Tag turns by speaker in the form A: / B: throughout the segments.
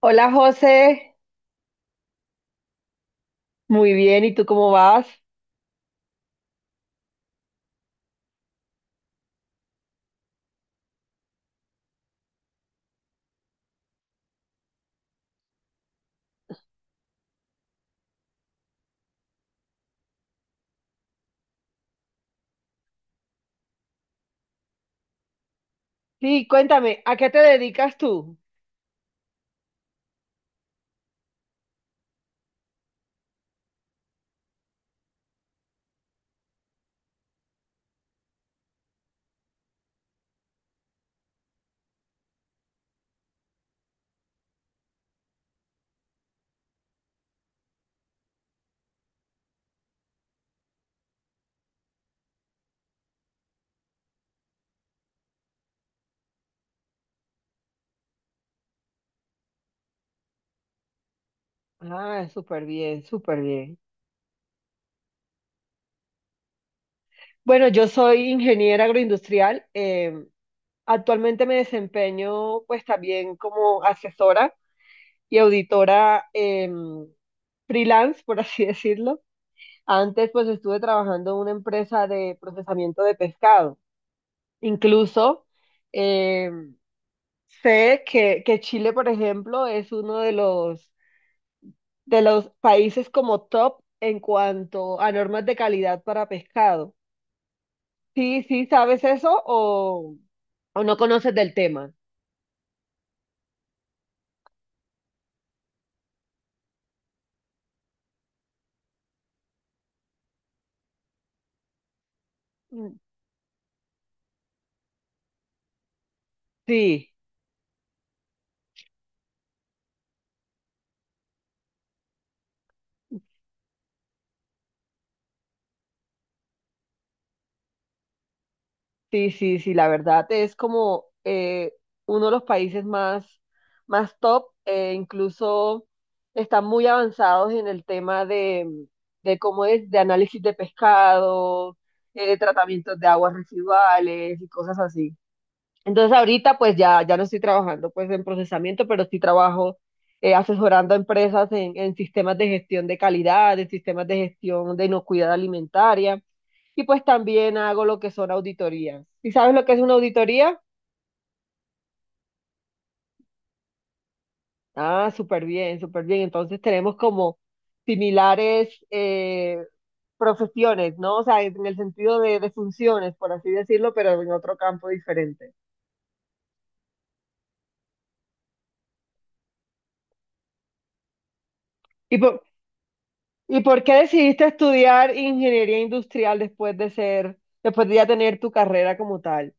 A: Hola José, muy bien, ¿y tú cómo vas? Sí, cuéntame, ¿a qué te dedicas tú? Ah, súper bien, súper bien. Bueno, yo soy ingeniera agroindustrial, actualmente me desempeño pues también como asesora y auditora freelance, por así decirlo. Antes pues estuve trabajando en una empresa de procesamiento de pescado. Incluso em, sé que Chile, por ejemplo, es uno de los países como top en cuanto a normas de calidad para pescado. Sí, sí, ¿sabes eso o no conoces del tema? Mm. Sí, sí, sí, sí, la verdad es como uno de los países más, más top, incluso están muy avanzados en el tema de cómo es, de análisis de pescado, de tratamientos de aguas residuales y cosas así. Entonces ahorita pues ya, ya no estoy trabajando pues en procesamiento, pero sí trabajo asesorando a empresas en sistemas de gestión de calidad, en sistemas de gestión de inocuidad alimentaria y pues también hago lo que son auditorías. ¿Y sabes lo que es una auditoría? Ah, súper bien, súper bien. Entonces tenemos como similares profesiones, ¿no? O sea, en el sentido de funciones, por así decirlo, pero en otro campo diferente. Y por, ¿Y por qué decidiste estudiar ingeniería industrial después de ser, después de ya tener tu carrera como tal?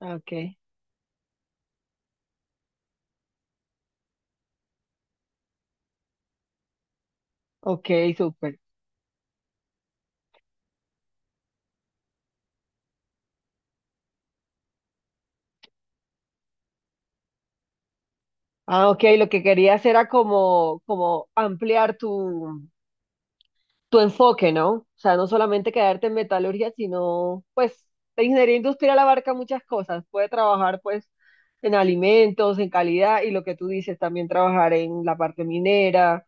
A: Ah, ok. Ok, súper. Ah, ok, lo que querías era como, como ampliar tu, tu enfoque, ¿no? O sea, no solamente quedarte en metalurgia, sino, pues, la ingeniería industrial abarca muchas cosas. Puede trabajar, pues, en alimentos, en calidad, y lo que tú dices, también trabajar en la parte minera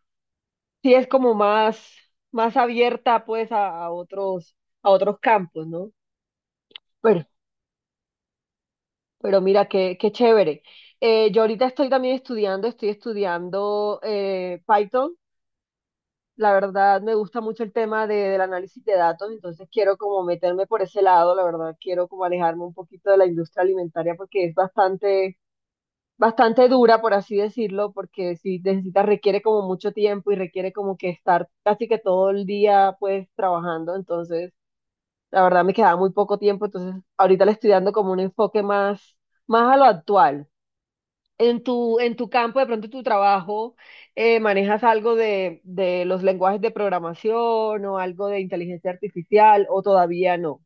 A: sí es como más, más abierta pues a otros campos, ¿no? Pero, pero mira, qué, qué chévere. Yo ahorita estoy también estudiando, estoy estudiando Python. La verdad me gusta mucho el tema de- del análisis de datos, entonces quiero como meterme por ese lado, la verdad quiero como alejarme un poquito de la industria alimentaria porque es bastante, bastante dura, por así decirlo, porque si necesitas, requiere como mucho tiempo y requiere como que estar casi que todo el día pues trabajando, entonces... La verdad me quedaba muy poco tiempo, entonces ahorita le estoy dando como un enfoque más, más a lo actual. En tu campo, de pronto en tu trabajo, ¿manejas algo de los lenguajes de programación o algo de inteligencia artificial o todavía no?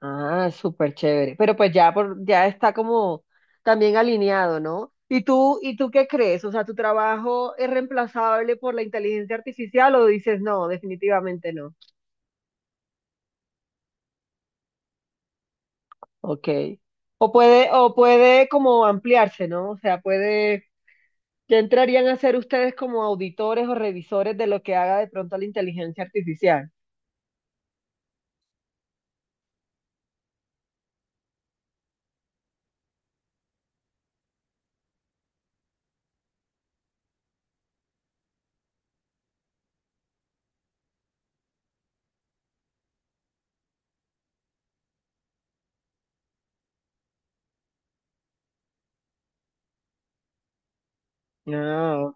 A: Ah, súper chévere. Pero pues ya, por, ya está como también alineado, ¿no? Y tú qué crees? O sea, ¿tu trabajo es reemplazable por la inteligencia artificial o dices no, definitivamente no? Ok. O puede como ampliarse, ¿no? O sea, puede, ya entrarían a ser ustedes como auditores o revisores de lo que haga de pronto la inteligencia artificial. Ah,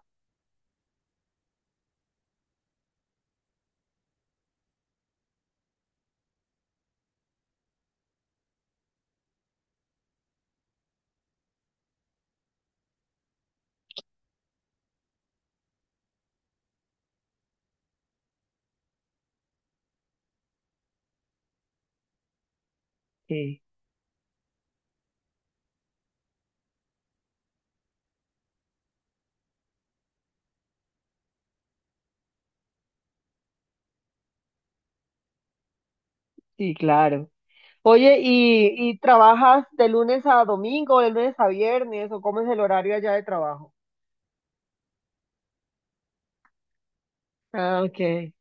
A: sí, sí, claro. Oye, y trabajas de lunes a domingo, de lunes a viernes, o cómo es el horario allá de trabajo? Ah, ok.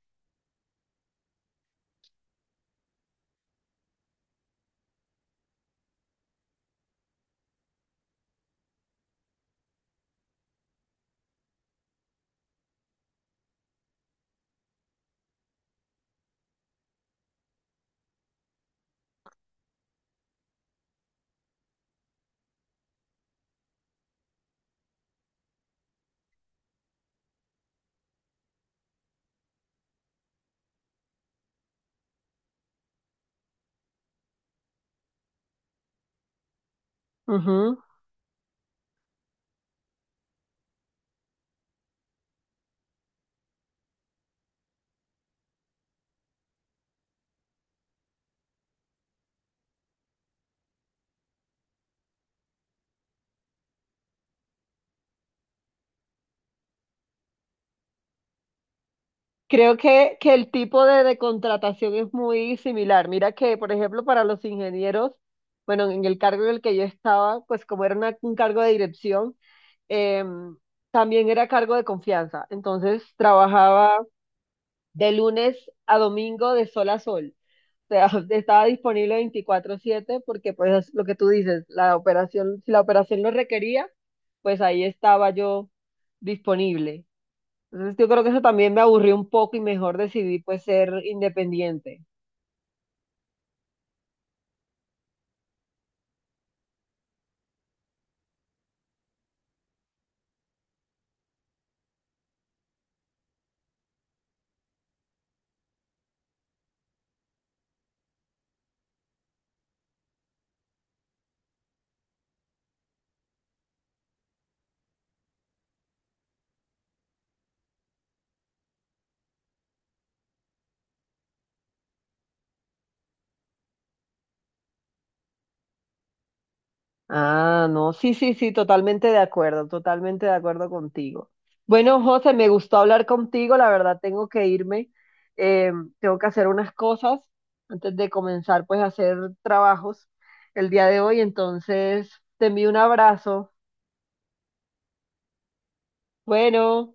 A: Ujú. Creo que el tipo de contratación es muy similar. Mira que, por ejemplo, para los ingenieros, bueno, en el cargo en el que yo estaba, pues como era una- un cargo de dirección, em, también era cargo de confianza. Entonces trabajaba de lunes a domingo de sol a sol. O sea, estaba disponible 24/7 porque, pues, es lo que tú dices, la operación, si la operación lo requería, pues ahí estaba yo disponible. Entonces yo creo que eso también me aburrió un poco y mejor decidí pues ser independiente. Ah, no, sí, sí, sí, totalmente de acuerdo contigo. Bueno, José, me gustó hablar contigo, la verdad tengo que irme, eh, tengo que hacer unas cosas antes de comenzar pues a hacer trabajos el día de hoy, entonces te envío un abrazo. Bueno.